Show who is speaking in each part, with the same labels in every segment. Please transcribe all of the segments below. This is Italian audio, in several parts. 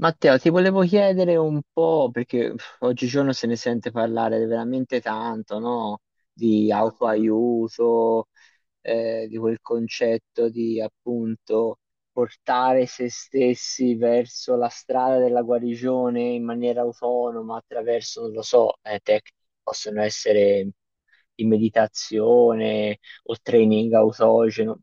Speaker 1: Matteo, ti volevo chiedere un po', perché oggigiorno se ne sente parlare veramente tanto, no? Di autoaiuto, di quel concetto di appunto portare se stessi verso la strada della guarigione in maniera autonoma attraverso, non lo so, tecniche che possono essere in meditazione o training autogeno.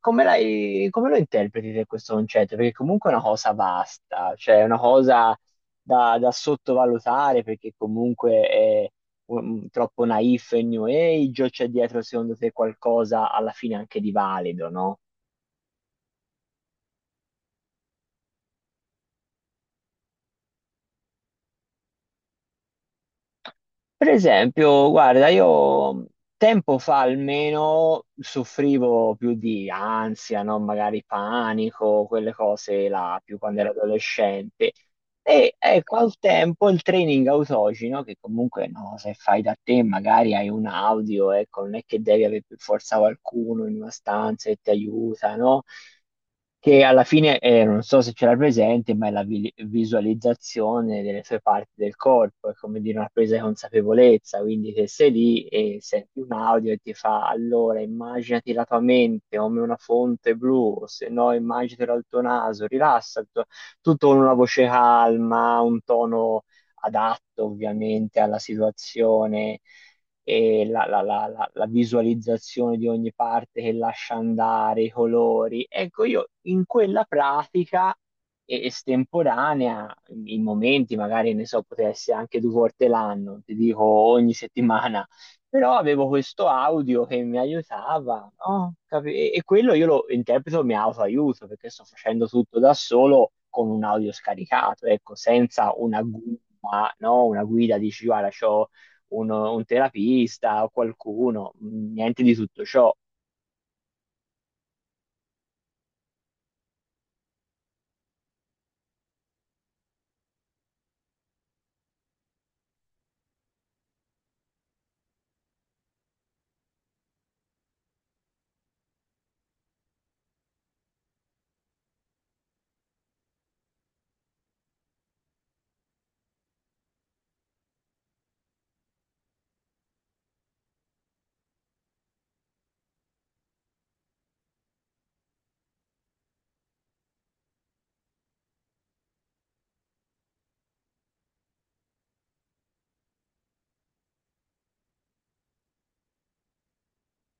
Speaker 1: Come, come lo interpreti te questo concetto? Perché comunque è una cosa vasta, cioè è una cosa da sottovalutare perché comunque è troppo naif e new age o c'è dietro secondo te qualcosa alla fine anche di valido, no? Per esempio, guarda, io tempo fa almeno soffrivo più di ansia, no? Magari panico, quelle cose là, più quando ero adolescente. E ecco, al tempo il training autogeno, no? Che comunque no, se fai da te magari hai un audio, ecco, non è che devi avere per forza qualcuno in una stanza che ti aiuta, no? Che alla fine, non so se ce l'ha presente, ma è la visualizzazione delle sue parti del corpo, è come dire una presa di consapevolezza, quindi se sei lì e senti un audio e ti fa allora immaginati la tua mente come una fonte blu, o se no immaginatela il tuo naso, rilassa, tutto con una voce calma, un tono adatto ovviamente alla situazione e la visualizzazione di ogni parte che lascia andare, i colori. Ecco, io in quella pratica estemporanea, in momenti magari, ne so, poteva essere anche due volte l'anno, ti dico ogni settimana, però avevo questo audio che mi aiutava, no? E quello io lo interpreto mi autoaiuto, perché sto facendo tutto da solo con un audio scaricato, ecco, senza una gumma, no? Una guida, dici, guarda, c'ho un terapista o qualcuno, niente di tutto ciò.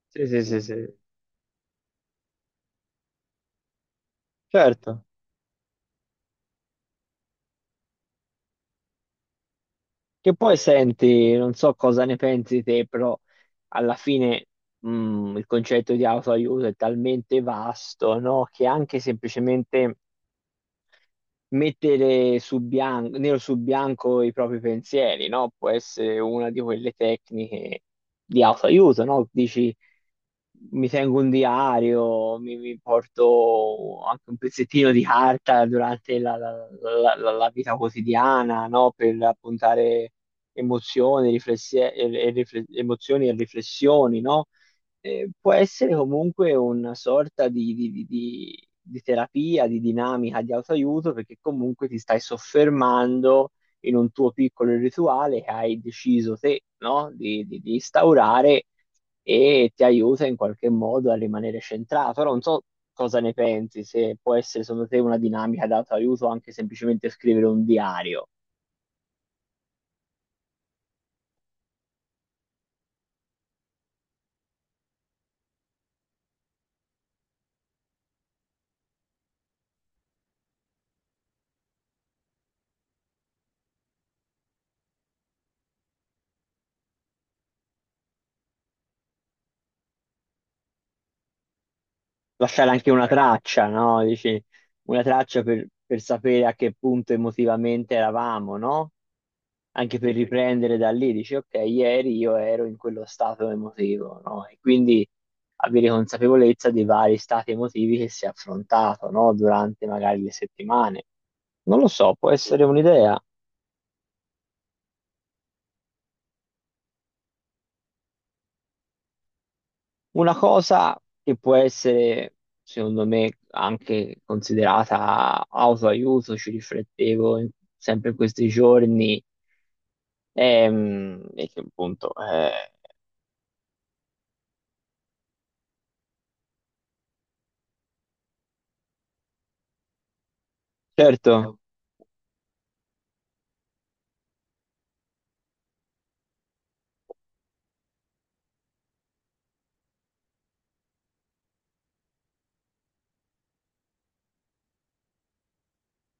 Speaker 1: Sì, sì, sì, sì, certo. Che poi senti, non so cosa ne pensi te, però alla fine il concetto di autoaiuto è talmente vasto, no? Che anche semplicemente mettere su bianco, nero su bianco i propri pensieri, no? Può essere una di quelle tecniche di autoaiuto, no? Dici, mi tengo un diario, mi porto anche un pezzettino di carta durante la vita quotidiana, no? Per appuntare emozioni, emozioni e riflessioni, no? Può essere comunque una sorta di, di terapia, di dinamica, di autoaiuto, perché comunque ti stai soffermando in un tuo piccolo rituale che hai deciso te, no? Di, di instaurare e ti aiuta in qualche modo a rimanere centrato. Ora non so cosa ne pensi, se può essere secondo te una dinamica di autoaiuto anche semplicemente scrivere un diario. Lasciare anche una traccia, no? Dici, una traccia per sapere a che punto emotivamente eravamo, no? Anche per riprendere da lì, dici, ok, ieri io ero in quello stato emotivo, no? E quindi avere consapevolezza dei vari stati emotivi che si è affrontato, no? Durante magari le settimane. Non lo so, può essere un'idea. Una cosa che può essere, secondo me, anche considerata autoaiuto, ci riflettevo sempre in questi giorni, che appunto, certo,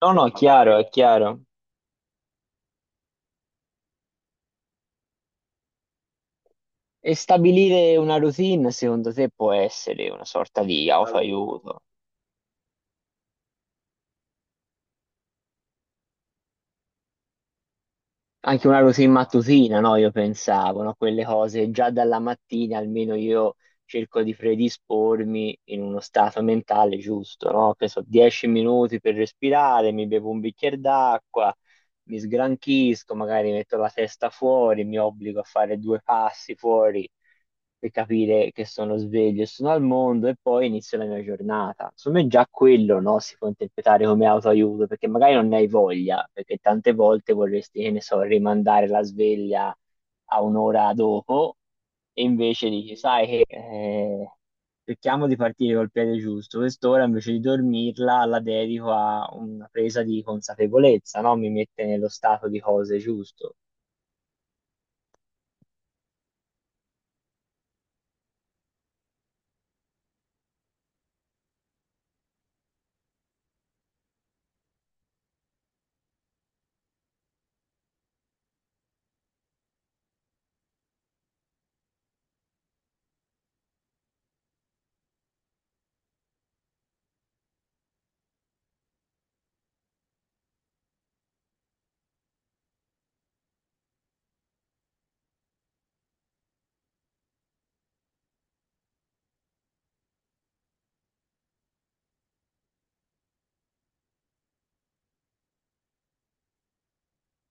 Speaker 1: no, no, è chiaro, è chiaro. E stabilire una routine, secondo te, può essere una sorta di autoaiuto? Anche una routine mattutina, no? Io pensavo, no? Quelle cose già dalla mattina, almeno io cerco di predispormi in uno stato mentale giusto, no? Che so, 10 minuti per respirare, mi bevo un bicchiere d'acqua, mi sgranchisco, magari metto la testa fuori, mi obbligo a fare due passi fuori per capire che sono sveglio e sono al mondo e poi inizio la mia giornata. Secondo me già quello, no, si può interpretare come autoaiuto, perché magari non ne hai voglia, perché tante volte vorresti, che ne so, rimandare la sveglia a un'ora dopo e invece dici, sai che cerchiamo di partire col piede giusto, quest'ora invece di dormirla la dedico a una presa di consapevolezza, no? Mi mette nello stato di cose giusto.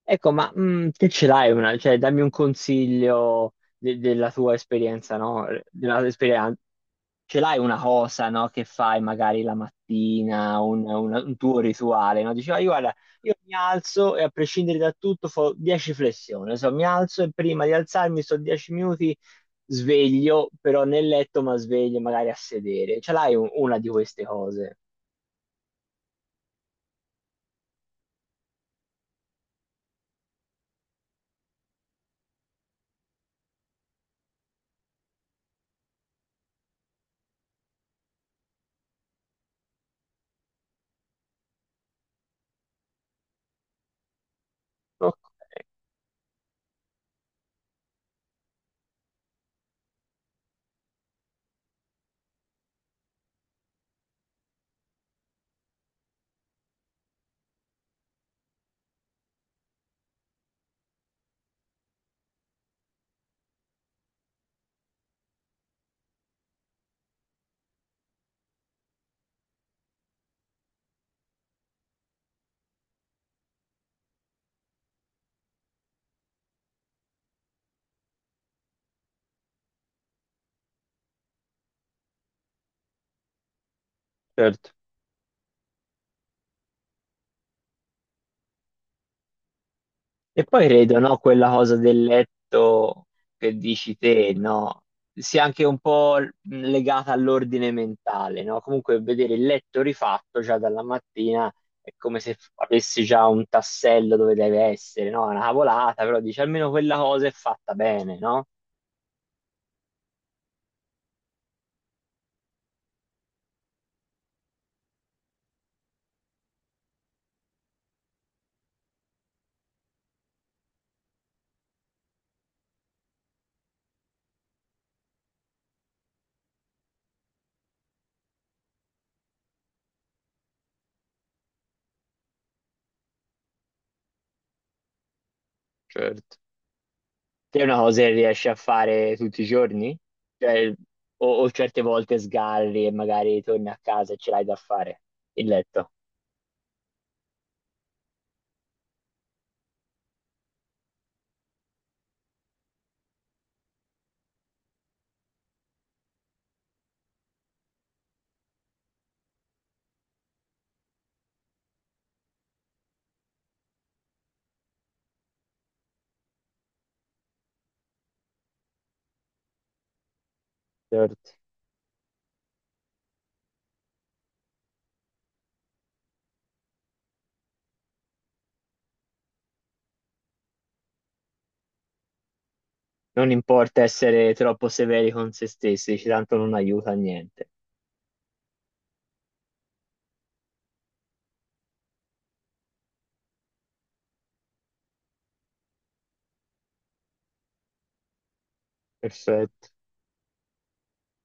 Speaker 1: Ecco, ma te ce l'hai una, cioè dammi un consiglio della tua esperienza, no? Della tua esperienza. Ce l'hai una cosa, no? Che fai magari la mattina, un tuo rituale, no? Dici, "Ah, io guarda, io mi alzo e a prescindere da tutto fo 10 flessioni, so, mi alzo e prima di alzarmi sto 10 minuti sveglio, però nel letto ma sveglio magari a sedere. Ce l'hai una di queste cose? Ok, certo. E poi credo, no, quella cosa del letto che dici te, no, sia anche un po' legata all'ordine mentale, no? Comunque vedere il letto rifatto già dalla mattina è come se avessi già un tassello dove deve essere, no? È una cavolata, però dici almeno quella cosa è fatta bene, no? Certo. Te è una cosa che riesci a fare tutti i giorni? Cioè, o certe volte sgarri e magari torni a casa e ce l'hai da fare, il letto. Certo. Non importa essere troppo severi con se stessi, tanto non aiuta a niente. Perfetto.